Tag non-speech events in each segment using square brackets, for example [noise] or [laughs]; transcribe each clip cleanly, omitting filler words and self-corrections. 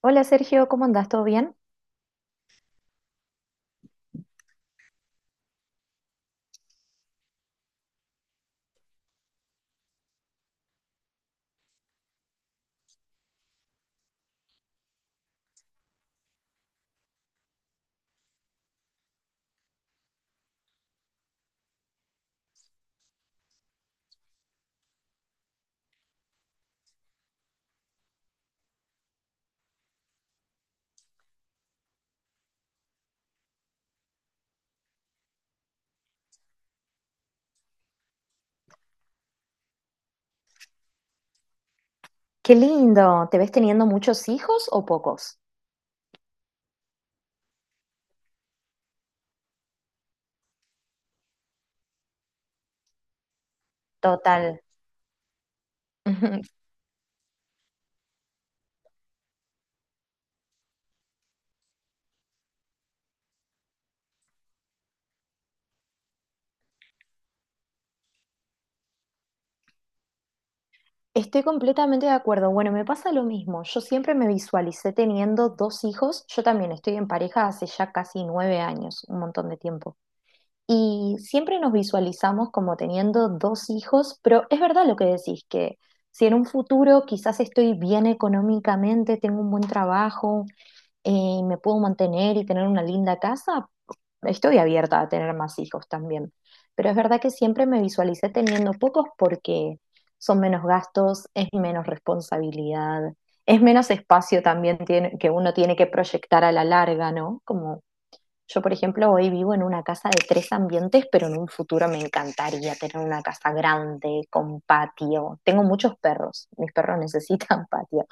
Hola Sergio, ¿cómo andás? ¿Todo bien? Qué lindo. ¿Te ves teniendo muchos hijos o pocos? Total. [laughs] Ujú. Estoy completamente de acuerdo. Bueno, me pasa lo mismo. Yo siempre me visualicé teniendo dos hijos. Yo también estoy en pareja hace ya casi 9 años, un montón de tiempo. Y siempre nos visualizamos como teniendo dos hijos, pero es verdad lo que decís, que si en un futuro quizás estoy bien económicamente, tengo un buen trabajo, me puedo mantener y tener una linda casa, estoy abierta a tener más hijos también, pero es verdad que siempre me visualicé teniendo pocos porque son menos gastos, es menos responsabilidad, es menos espacio también tiene, que uno tiene que proyectar a la larga, ¿no? Como yo, por ejemplo, hoy vivo en una casa de tres ambientes, pero en un futuro me encantaría tener una casa grande, con patio. Tengo muchos perros, mis perros [laughs] necesitan patio,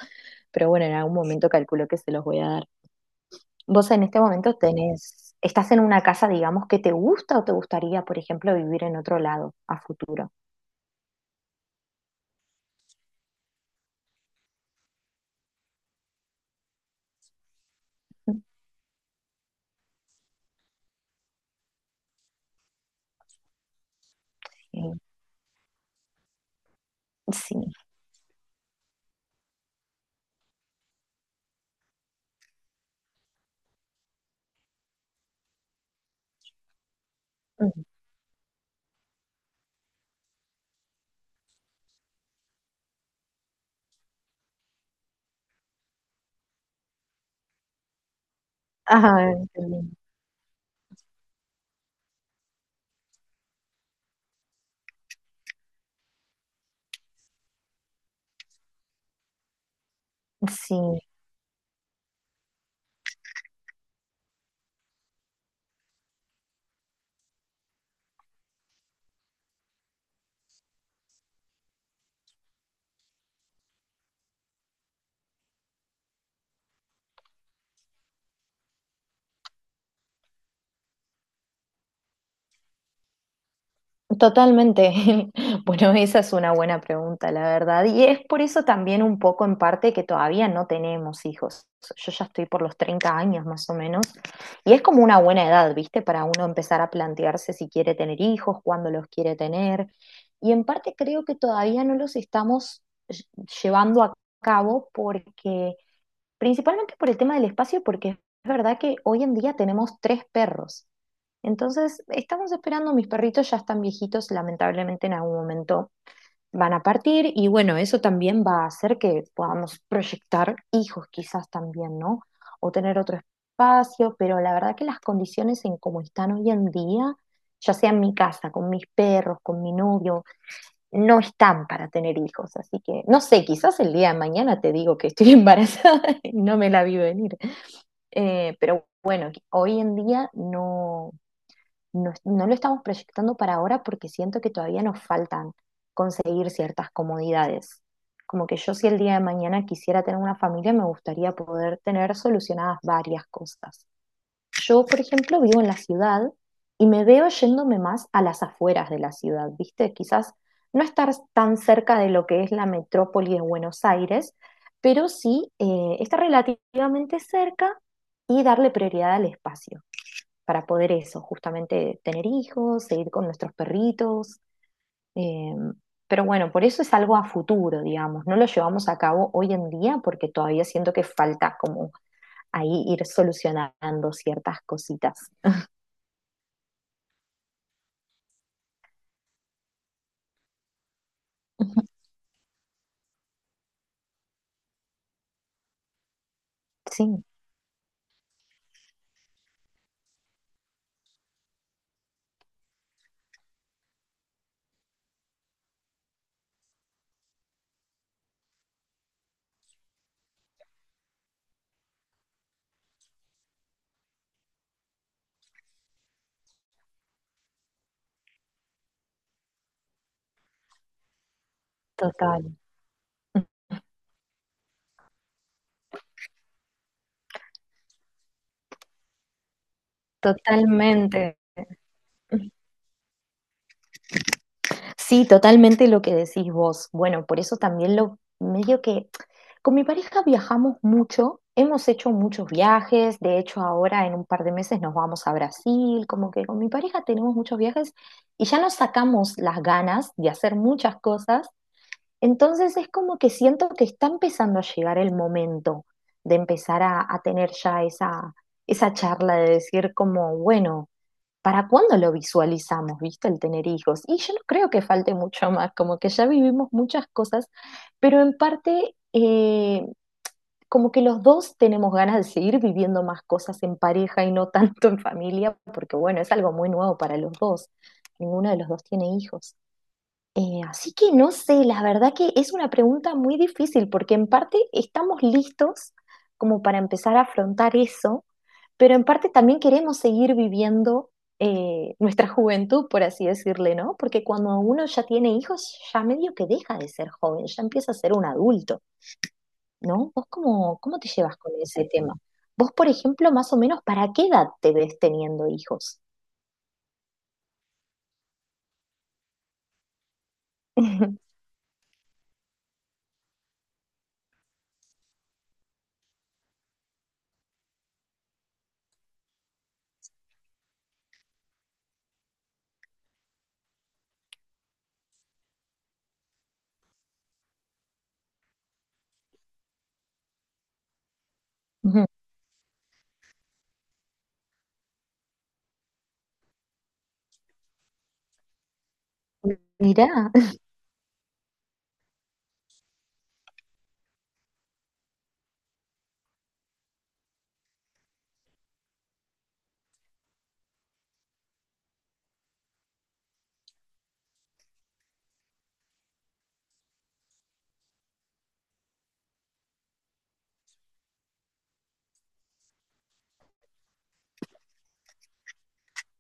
pero bueno, en algún momento calculo que se los voy a dar. Vos en este momento tenés, estás en una casa, digamos, que te gusta o te gustaría, por ejemplo, vivir en otro lado a futuro. Sí, sí. Ah, qué bien. Sí, totalmente. [laughs] Bueno, esa es una buena pregunta, la verdad. Y es por eso también un poco en parte que todavía no tenemos hijos. Yo ya estoy por los 30 años más o menos. Y es como una buena edad, ¿viste? Para uno empezar a plantearse si quiere tener hijos, cuándo los quiere tener. Y en parte creo que todavía no los estamos llevando a cabo porque, principalmente por el tema del espacio, porque es verdad que hoy en día tenemos tres perros. Entonces, estamos esperando, mis perritos ya están viejitos, lamentablemente en algún momento van a partir y bueno, eso también va a hacer que podamos proyectar hijos quizás también, ¿no? O tener otro espacio, pero la verdad que las condiciones en cómo están hoy en día, ya sea en mi casa, con mis perros, con mi novio, no están para tener hijos, así que no sé, quizás el día de mañana te digo que estoy embarazada [laughs] y no me la vi venir. Pero bueno, hoy en día no, no, no lo estamos proyectando para ahora porque siento que todavía nos faltan conseguir ciertas comodidades. Como que yo si el día de mañana quisiera tener una familia, me gustaría poder tener solucionadas varias cosas. Yo, por ejemplo, vivo en la ciudad y me veo yéndome más a las afueras de la ciudad, ¿viste? Quizás no estar tan cerca de lo que es la metrópoli de Buenos Aires, pero sí estar relativamente cerca y darle prioridad al espacio para poder eso, justamente tener hijos, seguir con nuestros perritos. eh, pero bueno, por eso es algo a futuro, digamos, no lo llevamos a cabo hoy en día porque todavía siento que falta como ahí ir solucionando ciertas cositas. Sí, total. Totalmente, sí, totalmente lo que decís vos. Bueno, por eso también lo medio que. Con mi pareja viajamos mucho, hemos hecho muchos viajes, de hecho ahora en un par de meses nos vamos a Brasil, como que con mi pareja tenemos muchos viajes y ya nos sacamos las ganas de hacer muchas cosas, entonces es como que siento que está empezando a llegar el momento de empezar a tener ya esa charla de decir como, bueno, ¿para cuándo lo visualizamos, viste, el tener hijos? Y yo no creo que falte mucho más, como que ya vivimos muchas cosas, pero en parte, como que los dos tenemos ganas de seguir viviendo más cosas en pareja y no tanto en familia, porque bueno, es algo muy nuevo para los dos. Ninguno de los dos tiene hijos. Así que no sé, la verdad que es una pregunta muy difícil, porque en parte estamos listos como para empezar a afrontar eso, pero en parte también queremos seguir viviendo nuestra [laughs] juventud, por así decirle, ¿no? Porque cuando uno ya tiene hijos, ya medio que deja de ser joven, ya empieza a ser un adulto. ¿No? ¿Vos cómo te llevas con ese tema? Vos, por ejemplo, más o menos, ¿para qué edad te ves teniendo hijos? [laughs] Ujú. Mirá,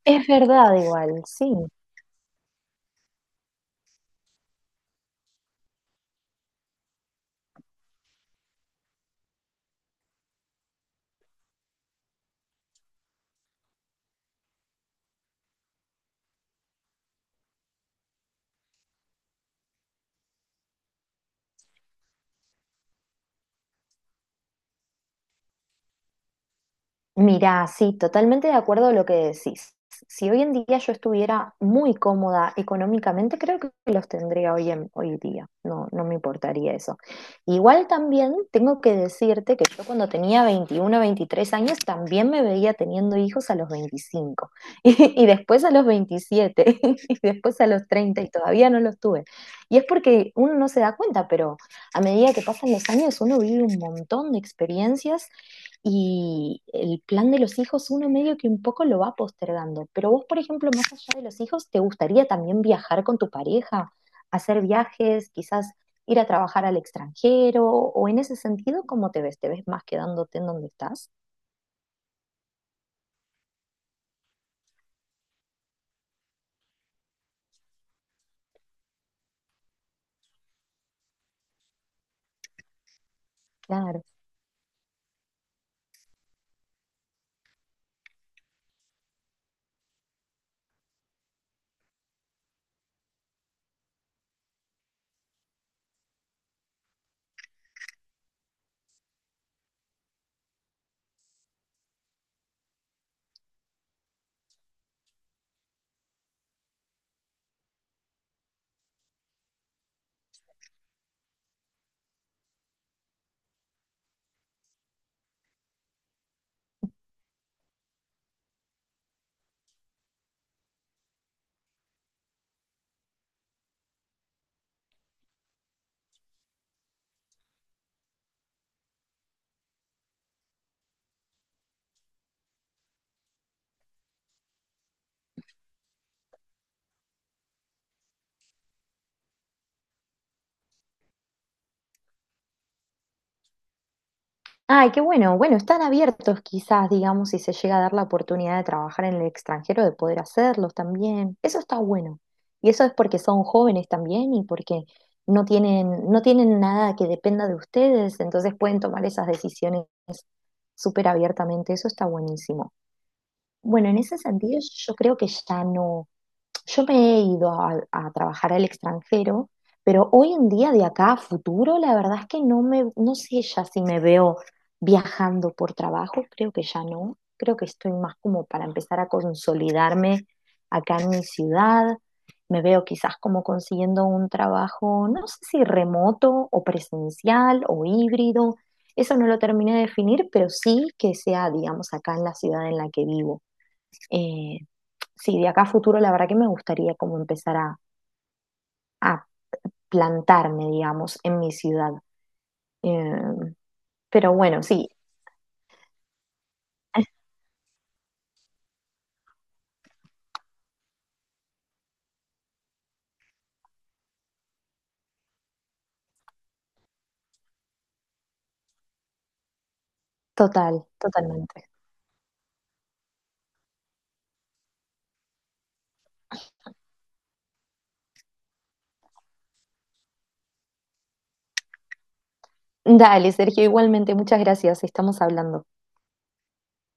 es verdad igual, sí. Mirá, sí, totalmente de acuerdo a lo que decís. Si hoy en día yo estuviera muy cómoda económicamente, creo que los tendría hoy en hoy día. No, no me importaría eso. Igual también tengo que decirte que yo cuando tenía 21, 23 años también me veía teniendo hijos a los 25 [laughs] y después a los 27 [laughs] y después a los 30 y todavía no los tuve. Y es porque uno no se da cuenta, pero a medida que pasan los años uno vive un montón de experiencias y el plan de los hijos, uno medio que un poco lo va postergando. Pero vos, por ejemplo, más allá de los hijos, ¿te gustaría también viajar con tu pareja? ¿Hacer viajes? Quizás ir a trabajar al extranjero o en ese sentido, ¿cómo te ves? ¿Te ves más quedándote en donde estás? Claro. Ay, qué bueno. Bueno, están abiertos quizás, digamos, si se llega a dar la oportunidad de trabajar en el extranjero, de poder hacerlos también. Eso está bueno. Y eso es porque son jóvenes también y porque no tienen nada que dependa de ustedes, entonces pueden tomar esas decisiones súper abiertamente. Eso está buenísimo. Bueno, en ese sentido yo creo que ya no. Yo me he ido a trabajar al extranjero, pero hoy en día, de acá a futuro, la verdad es que no sé ya si me veo viajando por trabajo, creo que ya no. Creo que estoy más como para empezar a consolidarme acá en mi ciudad. Me veo quizás como consiguiendo un trabajo, no sé si remoto o presencial o híbrido. Eso no lo terminé de definir, pero sí que sea, digamos, acá en la ciudad en la que vivo. Eh, sí, de acá a futuro la verdad que me gustaría como empezar a plantarme, digamos, en mi ciudad. Eh, pero bueno, sí, total, totalmente. Dale, Sergio, igualmente, muchas gracias, estamos hablando.